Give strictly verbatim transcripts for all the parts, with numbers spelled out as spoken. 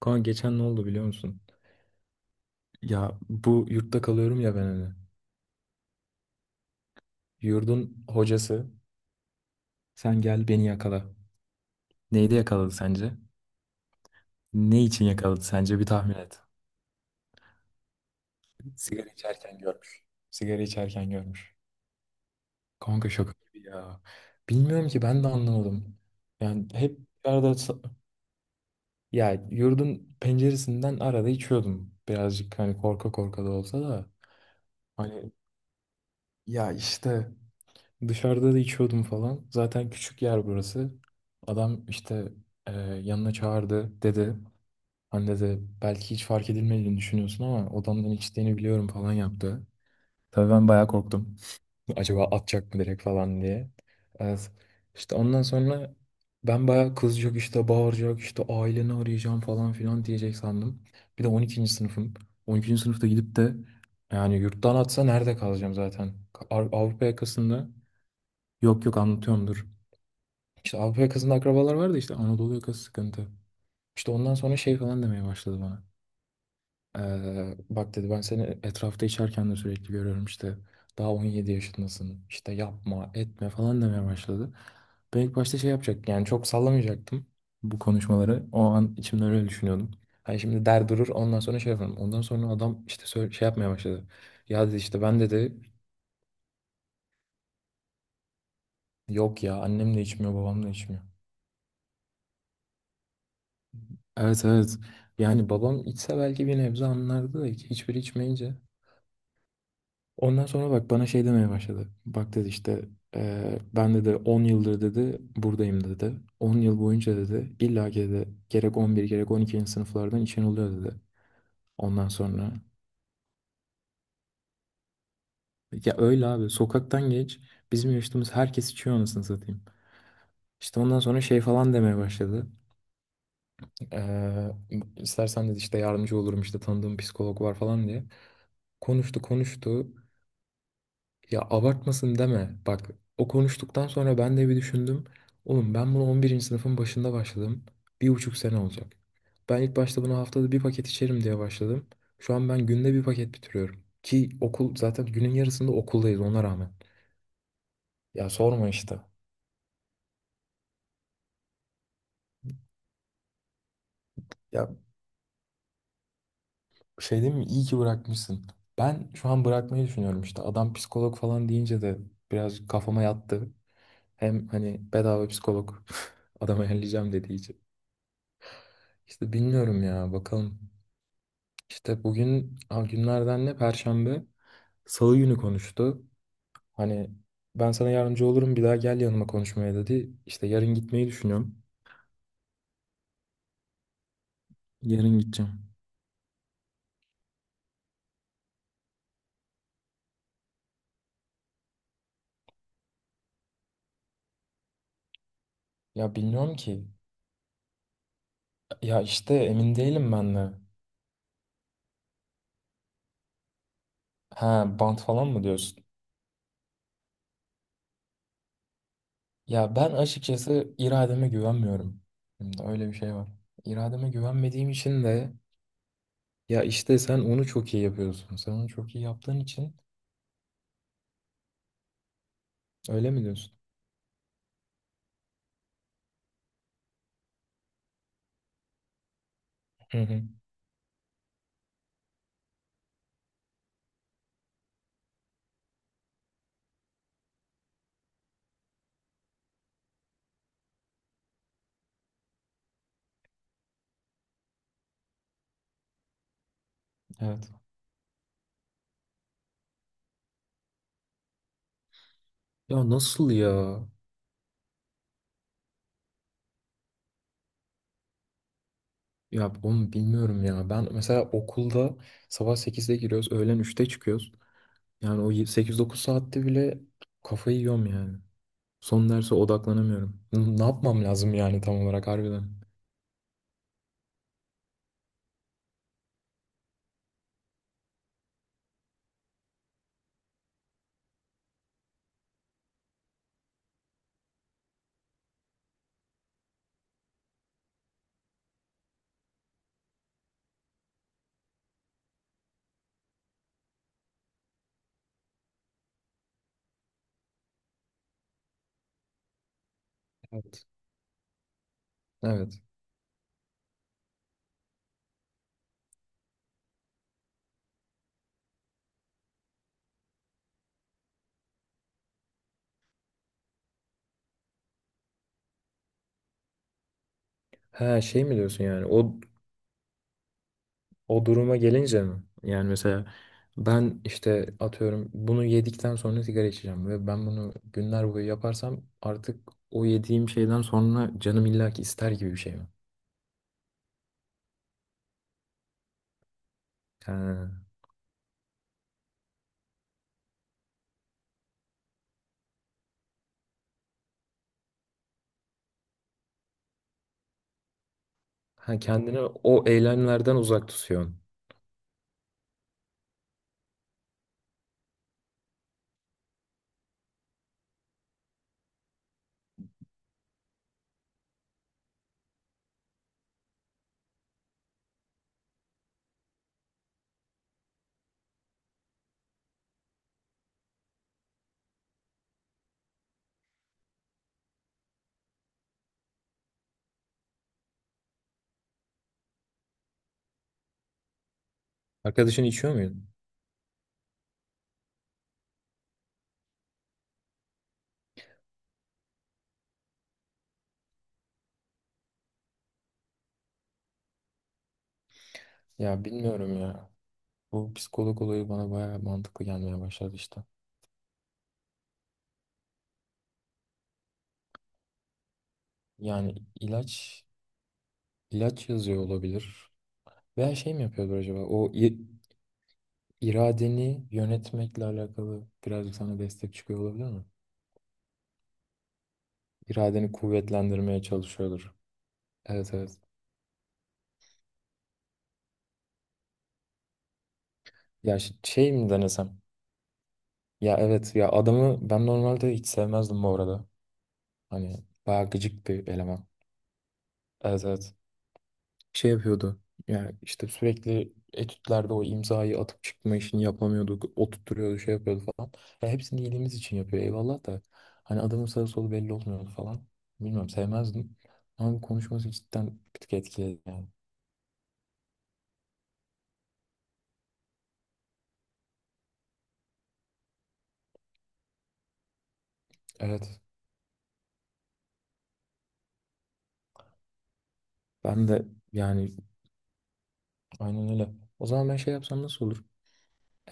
Kaan geçen ne oldu biliyor musun? Ya bu yurtta kalıyorum ya ben hani. Yurdun hocası sen gel beni yakala. Neyde yakaladı sence? Ne için yakaladı sence bir tahmin et. Sigara içerken görmüş. Sigara içerken görmüş. Kanka şaka gibi ya. Bilmiyorum ki ben de anlamadım. Yani hep arada ya yurdun penceresinden arada içiyordum. Birazcık hani korka korka da olsa da. Hani ya işte Dışarıda da içiyordum falan. Zaten küçük yer burası. Adam işte e, yanına çağırdı dedi. Anne de belki hiç fark edilmediğini düşünüyorsun ama odamdan içtiğini biliyorum falan yaptı. Tabii ben bayağı korktum. Acaba atacak mı direkt falan diye. Evet. İşte ondan sonra ben bayağı kızacak işte bağıracak işte aileni arayacağım falan filan diyecek sandım. Bir de on ikinci sınıfım. on ikinci sınıfta gidip de yani yurttan atsa nerede kalacağım zaten? Ka- Ar- Avrupa yakasında. Yok yok, anlatıyorum dur. İşte Avrupa yakasında akrabalar vardı, işte Anadolu yakası sıkıntı. İşte ondan sonra şey falan demeye başladı bana. Ee, bak dedi, ben seni etrafta içerken de sürekli görüyorum işte. Daha on yedi yaşındasın işte, yapma etme falan demeye başladı. Ben ilk başta şey yapacak, yani çok sallamayacaktım bu konuşmaları. O an içimde öyle düşünüyordum. Hani şimdi der durur, ondan sonra şey yaparım. Ondan sonra adam işte söyle- şey yapmaya başladı. Ya dedi işte, ben dedi yok ya, annem de içmiyor babam da içmiyor. Evet, evet. Yani babam içse belki bir nebze anlardı da hiç- hiçbiri içmeyince. Ondan sonra bak bana şey demeye başladı. Bak dedi işte, eee, ben dedi on yıldır dedi buradayım dedi. On yıl boyunca dedi illa ki dedi, gerek on bir gerek on ikinci sınıflardan içen oluyor dedi. Ondan sonra. Ya öyle abi, sokaktan geç, bizim yaşadığımız herkes içiyor anasını satayım. İşte ondan sonra şey falan demeye başladı. Eee istersen dedi işte yardımcı olurum, işte tanıdığım psikolog var falan diye. Konuştu konuştu. Ya abartmasın deme. Bak, o konuştuktan sonra ben de bir düşündüm. Oğlum, ben bunu on birinci sınıfın başında başladım. Bir buçuk sene olacak. Ben ilk başta bunu haftada bir paket içerim diye başladım. Şu an ben günde bir paket bitiriyorum. Ki okul zaten, günün yarısında okuldayız ona rağmen. Ya sorma işte. Ya şey değil mi? İyi ki bırakmışsın. Ben şu an bırakmayı düşünüyorum işte. Adam psikolog falan deyince de biraz kafama yattı. Hem hani bedava psikolog adama ayarlayacağım dediği için. İşte bilmiyorum ya, bakalım. İşte bugün ha, günlerden ne? Perşembe. Salı günü konuştu. Hani ben sana yardımcı olurum, bir daha gel yanıma konuşmaya dedi. İşte yarın gitmeyi düşünüyorum. Yarın gideceğim. Ya bilmiyorum ki. Ya işte emin değilim ben de. Ha, bant falan mı diyorsun? Ya ben açıkçası irademe güvenmiyorum. Şimdi öyle bir şey var. İrademe güvenmediğim için de ya işte sen onu çok iyi yapıyorsun. Sen onu çok iyi yaptığın için öyle mi diyorsun? Hı hı. Evet. Ya nasıl ya? Ya onu bilmiyorum ya. Ben mesela okulda sabah sekizde giriyoruz, öğlen üçte çıkıyoruz. Yani o sekiz dokuz saatte bile kafayı yiyorum yani. Son derse odaklanamıyorum. N- Ne yapmam lazım yani tam olarak harbiden? Evet. Evet. Ha, şey mi diyorsun yani? O o duruma gelince mi? Yani mesela ben işte atıyorum, bunu yedikten sonra sigara içeceğim, ve ben bunu günler boyu yaparsam artık o yediğim şeyden sonra canım illaki ister gibi bir şey mi? Ha. Ha, kendini o eylemlerden uzak tutuyorsun. Arkadaşın içiyor muydu? Ya bilmiyorum ya. Bu psikolog olayı bana bayağı mantıklı gelmeye başladı işte. Yani ilaç ilaç yazıyor olabilir. Veya şey mi yapıyordur acaba? O i- iradeni yönetmekle alakalı birazcık sana destek çıkıyor olabilir mi? İradeni kuvvetlendirmeye çalışıyordur. Evet, evet. Ya ş- şey mi denesem? Ya evet ya, adamı ben normalde hiç sevmezdim bu arada. Hani bayağı gıcık bir eleman. Evet, evet. şey yapıyordu. Yani işte sürekli etütlerde o imzayı atıp çıkma işini yapamıyorduk. Oturtturuyordu, şey yapıyordu falan. Ya hepsini iyiliğimiz için yapıyor, eyvallah da. Hani adamın sağı solu belli olmuyordu falan. Bilmiyorum, sevmezdim. Ama bu konuşması cidden bir tık etkiledi yani. Evet. Ben de yani aynen öyle. O zaman ben şey yapsam nasıl olur?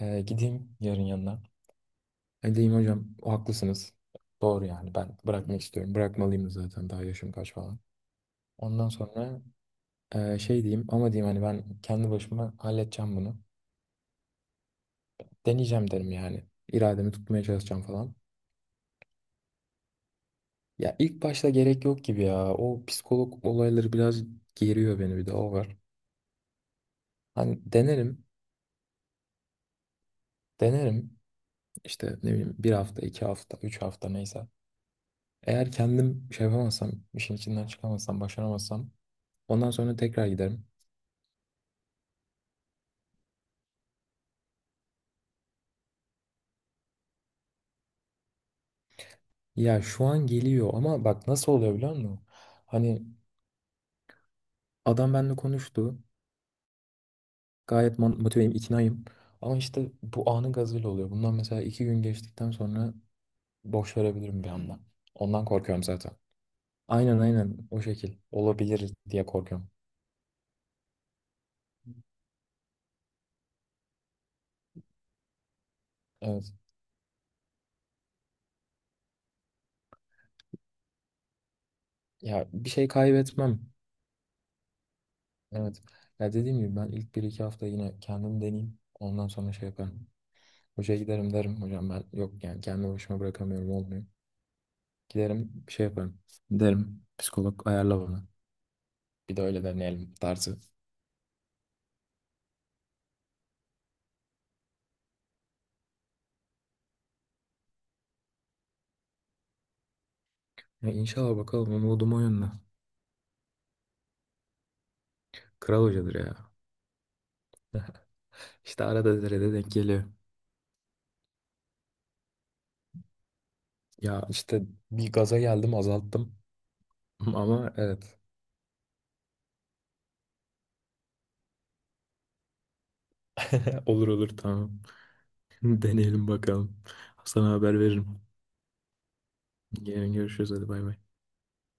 Ee, gideyim yarın yanına. Edeyim hocam haklısınız. Doğru, yani ben bırakmak istiyorum. Bırakmalıyım da zaten, daha yaşım kaç falan. Ondan sonra Ee, şey diyeyim, ama diyeyim hani ben kendi başıma halledeceğim bunu. Deneyeceğim derim yani. İrademi tutmaya çalışacağım falan. Ya ilk başta gerek yok gibi ya. O psikolog olayları biraz geriyor beni, bir de o var. Hani denerim, denerim. İşte ne bileyim, bir hafta, iki hafta, üç hafta neyse. Eğer kendim şey yapamazsam, işin içinden çıkamazsam, başaramazsam ondan sonra tekrar giderim. Ya şu an geliyor, ama bak nasıl oluyor biliyor musun? Hani adam benimle konuştu. Gayet man- motiveyim, iknayım. Ama işte bu anın gazıyla oluyor. Bundan mesela iki gün geçtikten sonra boş verebilirim bir anda. Ondan korkuyorum zaten. Aynen aynen, o şekil. Olabilir diye korkuyorum. Evet. Ya bir şey kaybetmem. Evet. Ya dediğim gibi ben ilk bir iki hafta yine kendim deneyeyim. Ondan sonra şey yaparım. Hocaya giderim derim. Hocam ben yok yani, kendi başıma bırakamıyorum, olmuyor. Giderim, bir şey yaparım. Derim psikolog ayarla bana. Bir de öyle deneyelim tarzı. Ya inşallah bakalım, umudum o yönde. Kral hocadır ya. İşte arada derede denk geliyor. Ya işte bir gaza geldim, azalttım. Ama evet. Olur olur, tamam. Deneyelim bakalım. Sana haber veririm. Yarın görüşürüz, hadi bay bay.